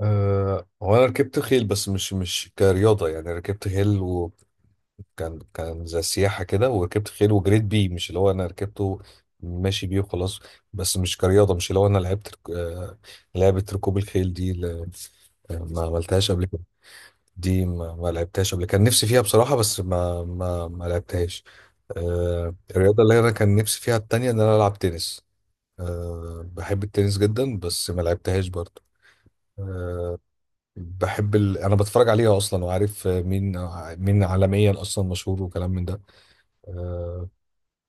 هو انا ركبت خيل، بس مش كرياضه يعني، ركبت خيل وكان زي سياحه كده، وركبت خيل وجريت بيه، مش اللي هو انا ركبته ماشي بيه وخلاص. بس مش كرياضه، مش اللي هو انا لعبت لعبه ركوب الخيل دي ما عملتهاش قبل كده. دي ما لعبتهاش قبل، كان نفسي فيها بصراحه، بس ما لعبتهاش. الرياضه اللي انا كان نفسي فيها التانية ان انا العب تنس. بحب التنس جدا، بس ما لعبتهاش برضه. آه، بحب انا بتفرج عليها اصلا، وعارف مين عالميا اصلا مشهور وكلام من ده. اه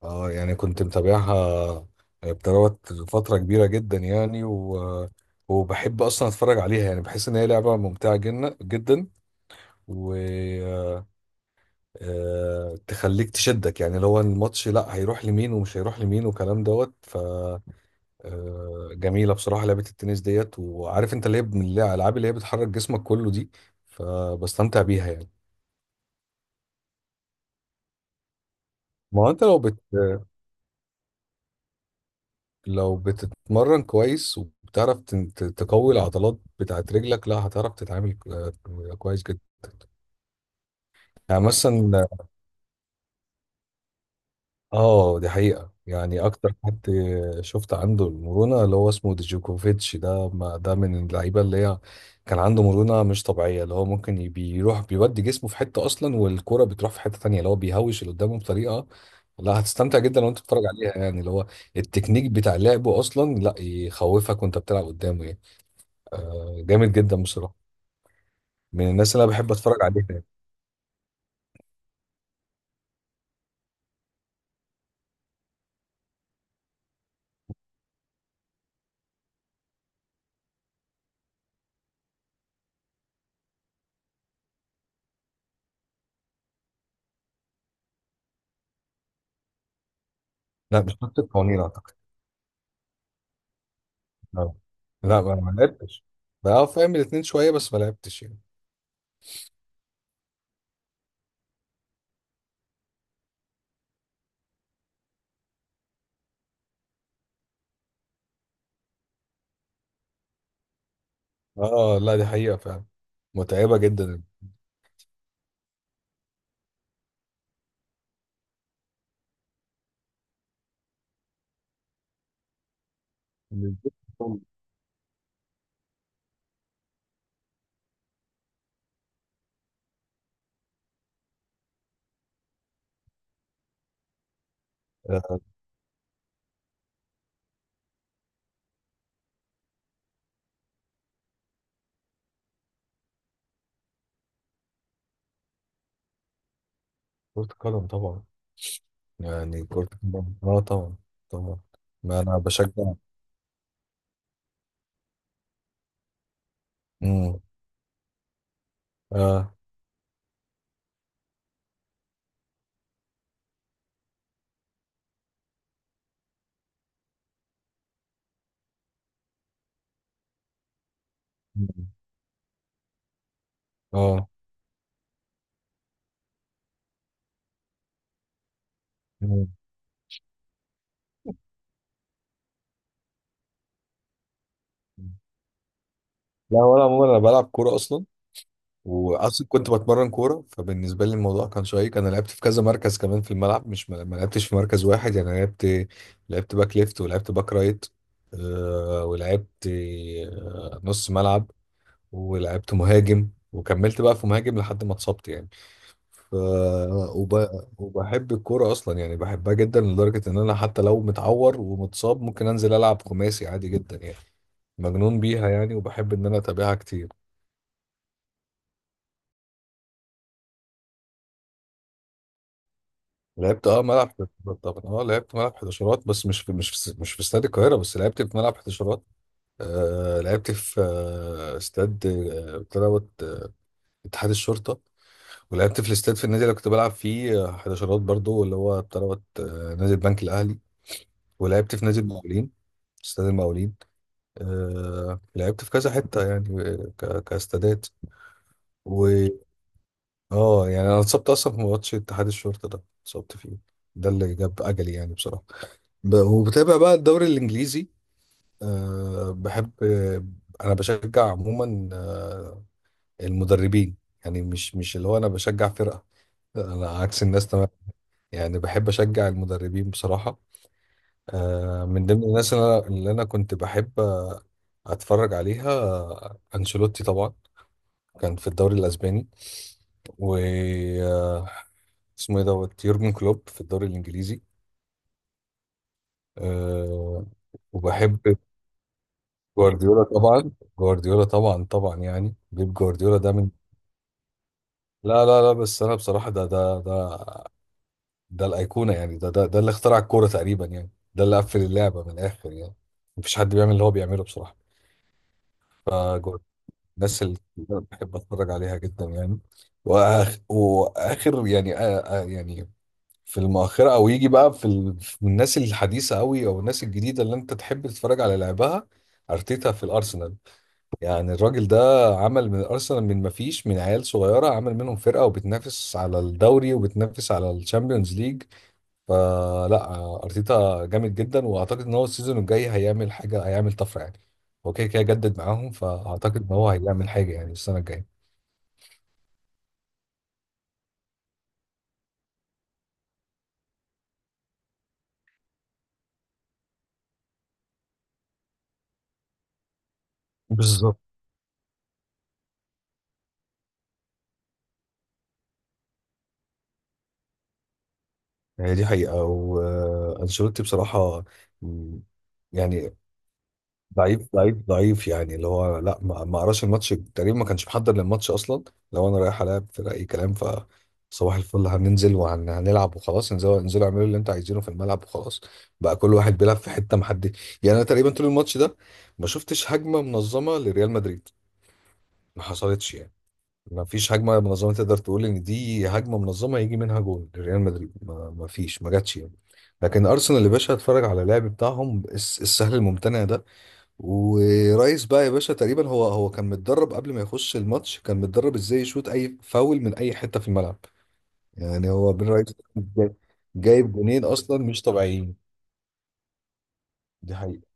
يعني كنت متابعها بتروت فترة كبيرة جدا يعني، وبحب اصلا اتفرج عليها، يعني بحس ان هي لعبة ممتعة جدا جدا. و آه، تخليك تشدك، يعني لو الماتش لا هيروح لمين ومش هيروح لمين وكلام دوت. ف آه، جميلة بصراحة لعبة التنس ديت، وعارف انت اللي هي من الالعاب اللي هي بتحرك جسمك كله دي، فبستمتع بيها يعني. ما هو انت لو بت... لو بتتمرن كويس، وبتعرف تقوي العضلات بتاعت رجلك، لا هتعرف تتعامل كويس جدا. يعني مثلا، اه دي حقيقة يعني، اكتر حد شفت عنده المرونة اللي هو اسمه ديجوكوفيتش ده، ما ده من اللعيبة اللي هي كان عنده مرونة مش طبيعية، اللي هو ممكن بيروح بيودي جسمه في حتة اصلا، والكرة بتروح في حتة تانية، اللي هو بيهوش اللي قدامه بطريقة لا، هتستمتع جدا وانت بتتفرج عليها يعني، اللي هو التكنيك بتاع لعبه اصلا لا يخوفك وانت بتلعب قدامه يعني. جامد جدا بصراحه. من الناس اللي انا بحب اتفرج عليها يعني. لا، مش شفت القوانين اعتقد. لا، لا، ما لعبتش. بقى فاهم الاتنين شويه، بس ما لعبتش يعني. اه، لا، دي حقيقه فعلا. متعبه جدا. آه، كرة القدم طبعا. يعني كرة القدم طبعا، طبعا. ما انا بشجع. امم. اه. مم. اه. مم. لا، ولا عموما انا بلعب كورة اصلا، واصلا كنت بتمرن كوره، فبالنسبه لي الموضوع كان شيق، انا لعبت في كذا مركز كمان في الملعب، مش ما لعبتش في مركز واحد يعني، أنا لعبت باك ليفت، ولعبت باك رايت. ولعبت نص ملعب، ولعبت مهاجم، وكملت بقى في مهاجم لحد ما اتصبت يعني. ف وب... وبحب الكوره اصلا يعني، بحبها جدا لدرجه ان انا حتى لو متعور ومتصاب ممكن انزل العب خماسي عادي جدا يعني، مجنون بيها يعني، وبحب ان انا اتابعها كتير. لعبت ملعب حداشرات طبعا، اه لعبت ملعب حداشرات، بس مش في استاد القاهره، بس لعبت في ملعب حداشرات. لعبت في استاد بتاع دوت، اتحاد الشرطه. ولعبت في الاستاد، في النادي اللي كنت بلعب فيه حداشرات برضو، اللي هو بتاع دوت، نادي البنك الاهلي. ولعبت في نادي المقاولين، استاد المقاولين. لعبت في كذا حته يعني، كاستادات. و اه يعني انا اتصبت اصلا في ماتش اتحاد الشرطه ده، اتصبت فيه. ده اللي جاب اجلي يعني بصراحه. وبتابع بقى الدوري الانجليزي. بحب انا بشجع عموما المدربين. يعني مش اللي هو انا بشجع فرقه. لا، انا عكس الناس تمام. يعني بحب اشجع المدربين بصراحه. من ضمن الناس اللي أنا كنت بحب اتفرج عليها، انشيلوتي طبعا. كان في الدوري الاسباني. و آه، اسمه ايه دوت، يورجن كلوب في الدوري الانجليزي. أه وبحب جوارديولا طبعا، جوارديولا طبعا طبعا، يعني بيب جوارديولا ده من. لا، لا، لا، بس انا بصراحه، ده الايقونه يعني، ده اللي اخترع الكوره تقريبا يعني، ده اللي قفل اللعبه من الاخر يعني. مفيش حد بيعمل اللي هو بيعمله بصراحه. فجوارديولا، الناس اللي أنا بحب اتفرج عليها جدا يعني. وآخ واخر يعني يعني، في المؤخره، او يجي بقى في الناس الحديثه قوي، او الناس الجديده اللي انت تحب تتفرج على لعبها. ارتيتا في الارسنال، يعني الراجل ده عمل من ارسنال، من ما فيش، من عيال صغيره عمل منهم فرقه، وبتنافس على الدوري وبتنافس على الشامبيونز ليج. فلا ارتيتا جامد جدا، واعتقد ان هو السيزون الجاي هيعمل حاجه، هيعمل طفره يعني. هو كده كده جدد معاهم، فاعتقد ان هو هيعمل حاجه يعني السنه الجايه. بالظبط. هي دي حقيقة، وأنشيلوتي بصراحة مم، يعني ضعيف ضعيف ضعيف، يعني اللي هو لا، ما قراش الماتش تقريبا، ما كانش محضر للماتش اصلا. لو انا رايح العب فرقه اي كلام، صباح الفل، هننزل وهنلعب وخلاص، انزلوا انزلوا اعملوا اللي انتوا عايزينه في الملعب وخلاص. بقى كل واحد بيلعب في حته محدد يعني، انا تقريبا طول الماتش ده ما شفتش هجمه منظمه لريال مدريد، ما حصلتش يعني، ما فيش هجمه منظمه تقدر تقول ان دي هجمه منظمه يجي منها جول لريال مدريد، ما فيش ما جاتش يعني. لكن ارسنال يا باشا، اتفرج على اللعب بتاعهم السهل الممتنع ده. ورئيس بقى يا باشا، تقريبا هو كان متدرب قبل ما يخش الماتش، كان متدرب ازاي يشوط اي فاول من اي حته في الملعب. يعني هو بن رئيس جايب جونين اصلا مش طبيعيين. دي حقيقه،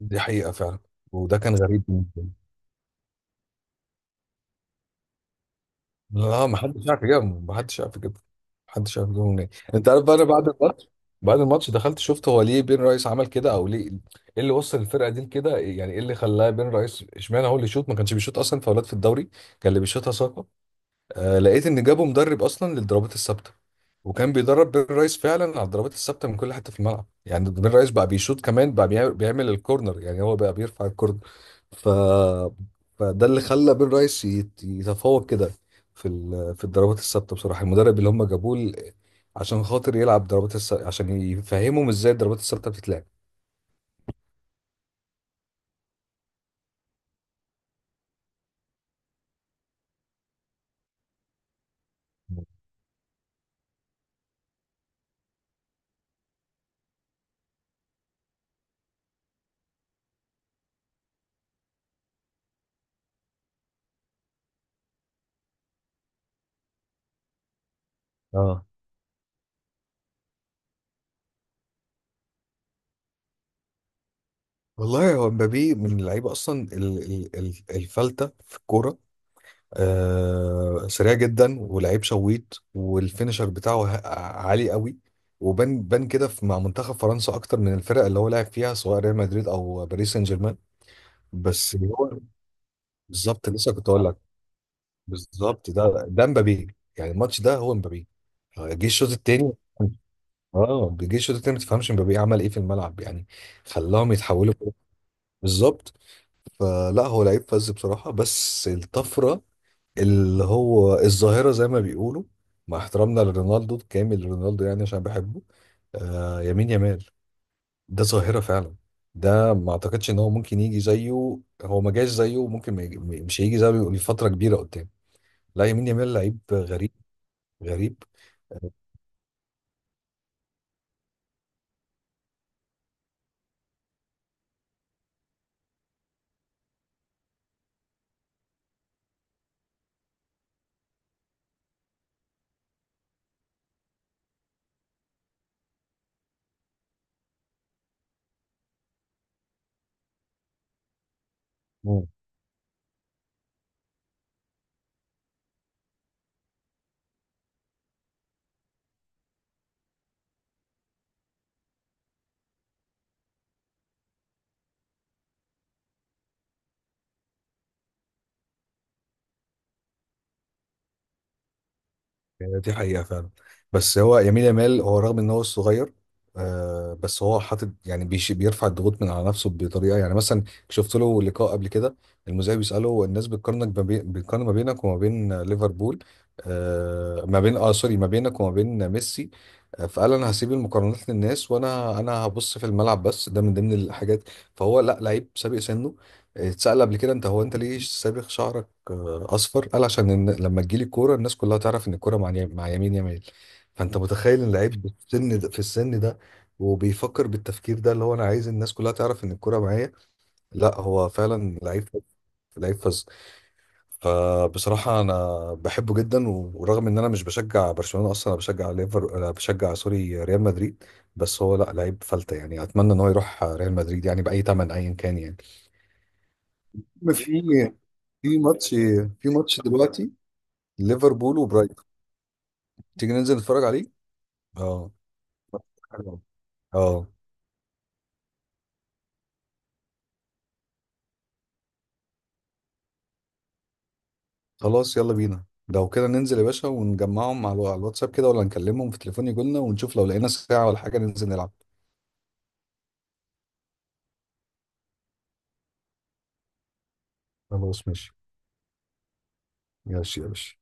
دي حقيقه فعلا. وده كان غريب بالنسبه لي. لا، ما حدش عارف يجيبهم، ما حدش عارف يجيبهم، ما حدش عارف يجيبهم منين. انت عارف بقى، انا بعد الماتش، بعد الماتش دخلت شفت هو ليه بن رئيس عمل كده، او ليه ايه اللي وصل الفرقه دي لكده، يعني ايه اللي خلاه بن رئيس اشمعنى هو اللي يشوط، ما كانش بيشوط اصلا فاولات في الدوري، كان اللي بيشوطها ساكا. لقيت ان جابوا مدرب اصلا للضربات الثابته، وكان بيدرب بين رايس فعلا على الضربات الثابته من كل حته في الملعب، يعني بين رايس بقى بيشوط، كمان بقى بيعمل الكورنر، يعني هو بقى بيرفع الكورنر. ف فده اللي خلى بين رايس يتفوق كده في في الضربات الثابته بصراحه، المدرب اللي هم جابوه عشان خاطر يلعب ضربات عشان يفهمهم ازاي الضربات الثابته بتتلعب. اه، والله هو مبابي من اللعيبه اصلا الفلته في الكوره. آه سريع جدا، ولعيب شويط، والفينشر بتاعه عالي قوي. وبان بان كده مع منتخب فرنسا اكتر من الفرق اللي هو لعب فيها، سواء ريال مدريد او باريس سان جيرمان. بس هو بالظبط لسه كنت اقول لك، بالظبط ده مبابي يعني، الماتش ده هو مبابي. جه الشوط التاني، اه جه الشوط التاني، ما تفهمش مبابي عمل ايه في الملعب يعني، خلاهم يتحولوا. بالظبط، فلا هو لعيب فذ بصراحة، بس الطفرة اللي هو الظاهرة زي ما بيقولوا، مع احترامنا لرونالدو كامل رونالدو يعني عشان بحبه، آه يمين يامال ده ظاهرة فعلا، ده ما اعتقدش ان هو ممكن يجي زيه، هو ما جاش زيه وممكن ما يجي، مش هيجي زيه لفترة كبيرة قدام. لا، يمين يامال لعيب غريب، غريب يعني. دي حقيقة فعلا. بس هو يمين يامال هو رغم ان هو صغير، آه بس هو حاطط يعني بيرفع الضغوط من على نفسه بطريقة، يعني مثلا شفت له لقاء قبل كده، المذيع بيسأله الناس بتقارنك ما بين- بتقارن ما بينك وما بين ليفربول، آه ما بين، اه سوري، ما بينك وما بين ميسي. فقال انا هسيب المقارنات للناس، وانا هبص في الملعب بس، ده من ضمن الحاجات. فهو لا لعيب سابق سنه. اتسأل قبل كده، انت هو انت ليه سابق شعرك اصفر، قال عشان إن لما تجيلي الكوره الناس كلها تعرف ان الكوره مع مع يمين يمال. فانت متخيل ان لعيب بالسن ده، في السن ده، وبيفكر بالتفكير ده اللي هو انا عايز الناس كلها تعرف ان الكوره معايا. لا هو فعلا لعيب، لعيب فظ. فبصراحة أنا بحبه جدا، ورغم إن أنا مش بشجع برشلونة أصلا، أنا بشجع ليفر، أنا بشجع سوري، ريال مدريد. بس هو لا لعيب فلتة يعني، أتمنى إن هو يروح ريال مدريد يعني بأي تمن أيا كان يعني. في في ماتش في ماتش دلوقتي ليفربول وبرايتون، تيجي ننزل نتفرج عليه. اه. حلو. اه. خلاص يلا بينا لو كده، ننزل يا باشا ونجمعهم على على الواتساب كده، ولا نكلمهم في تليفون يجولنا، ونشوف لو لقينا ساعة ولا حاجة ننزل نلعب. خلاص ماشي. ماشي يا باشا.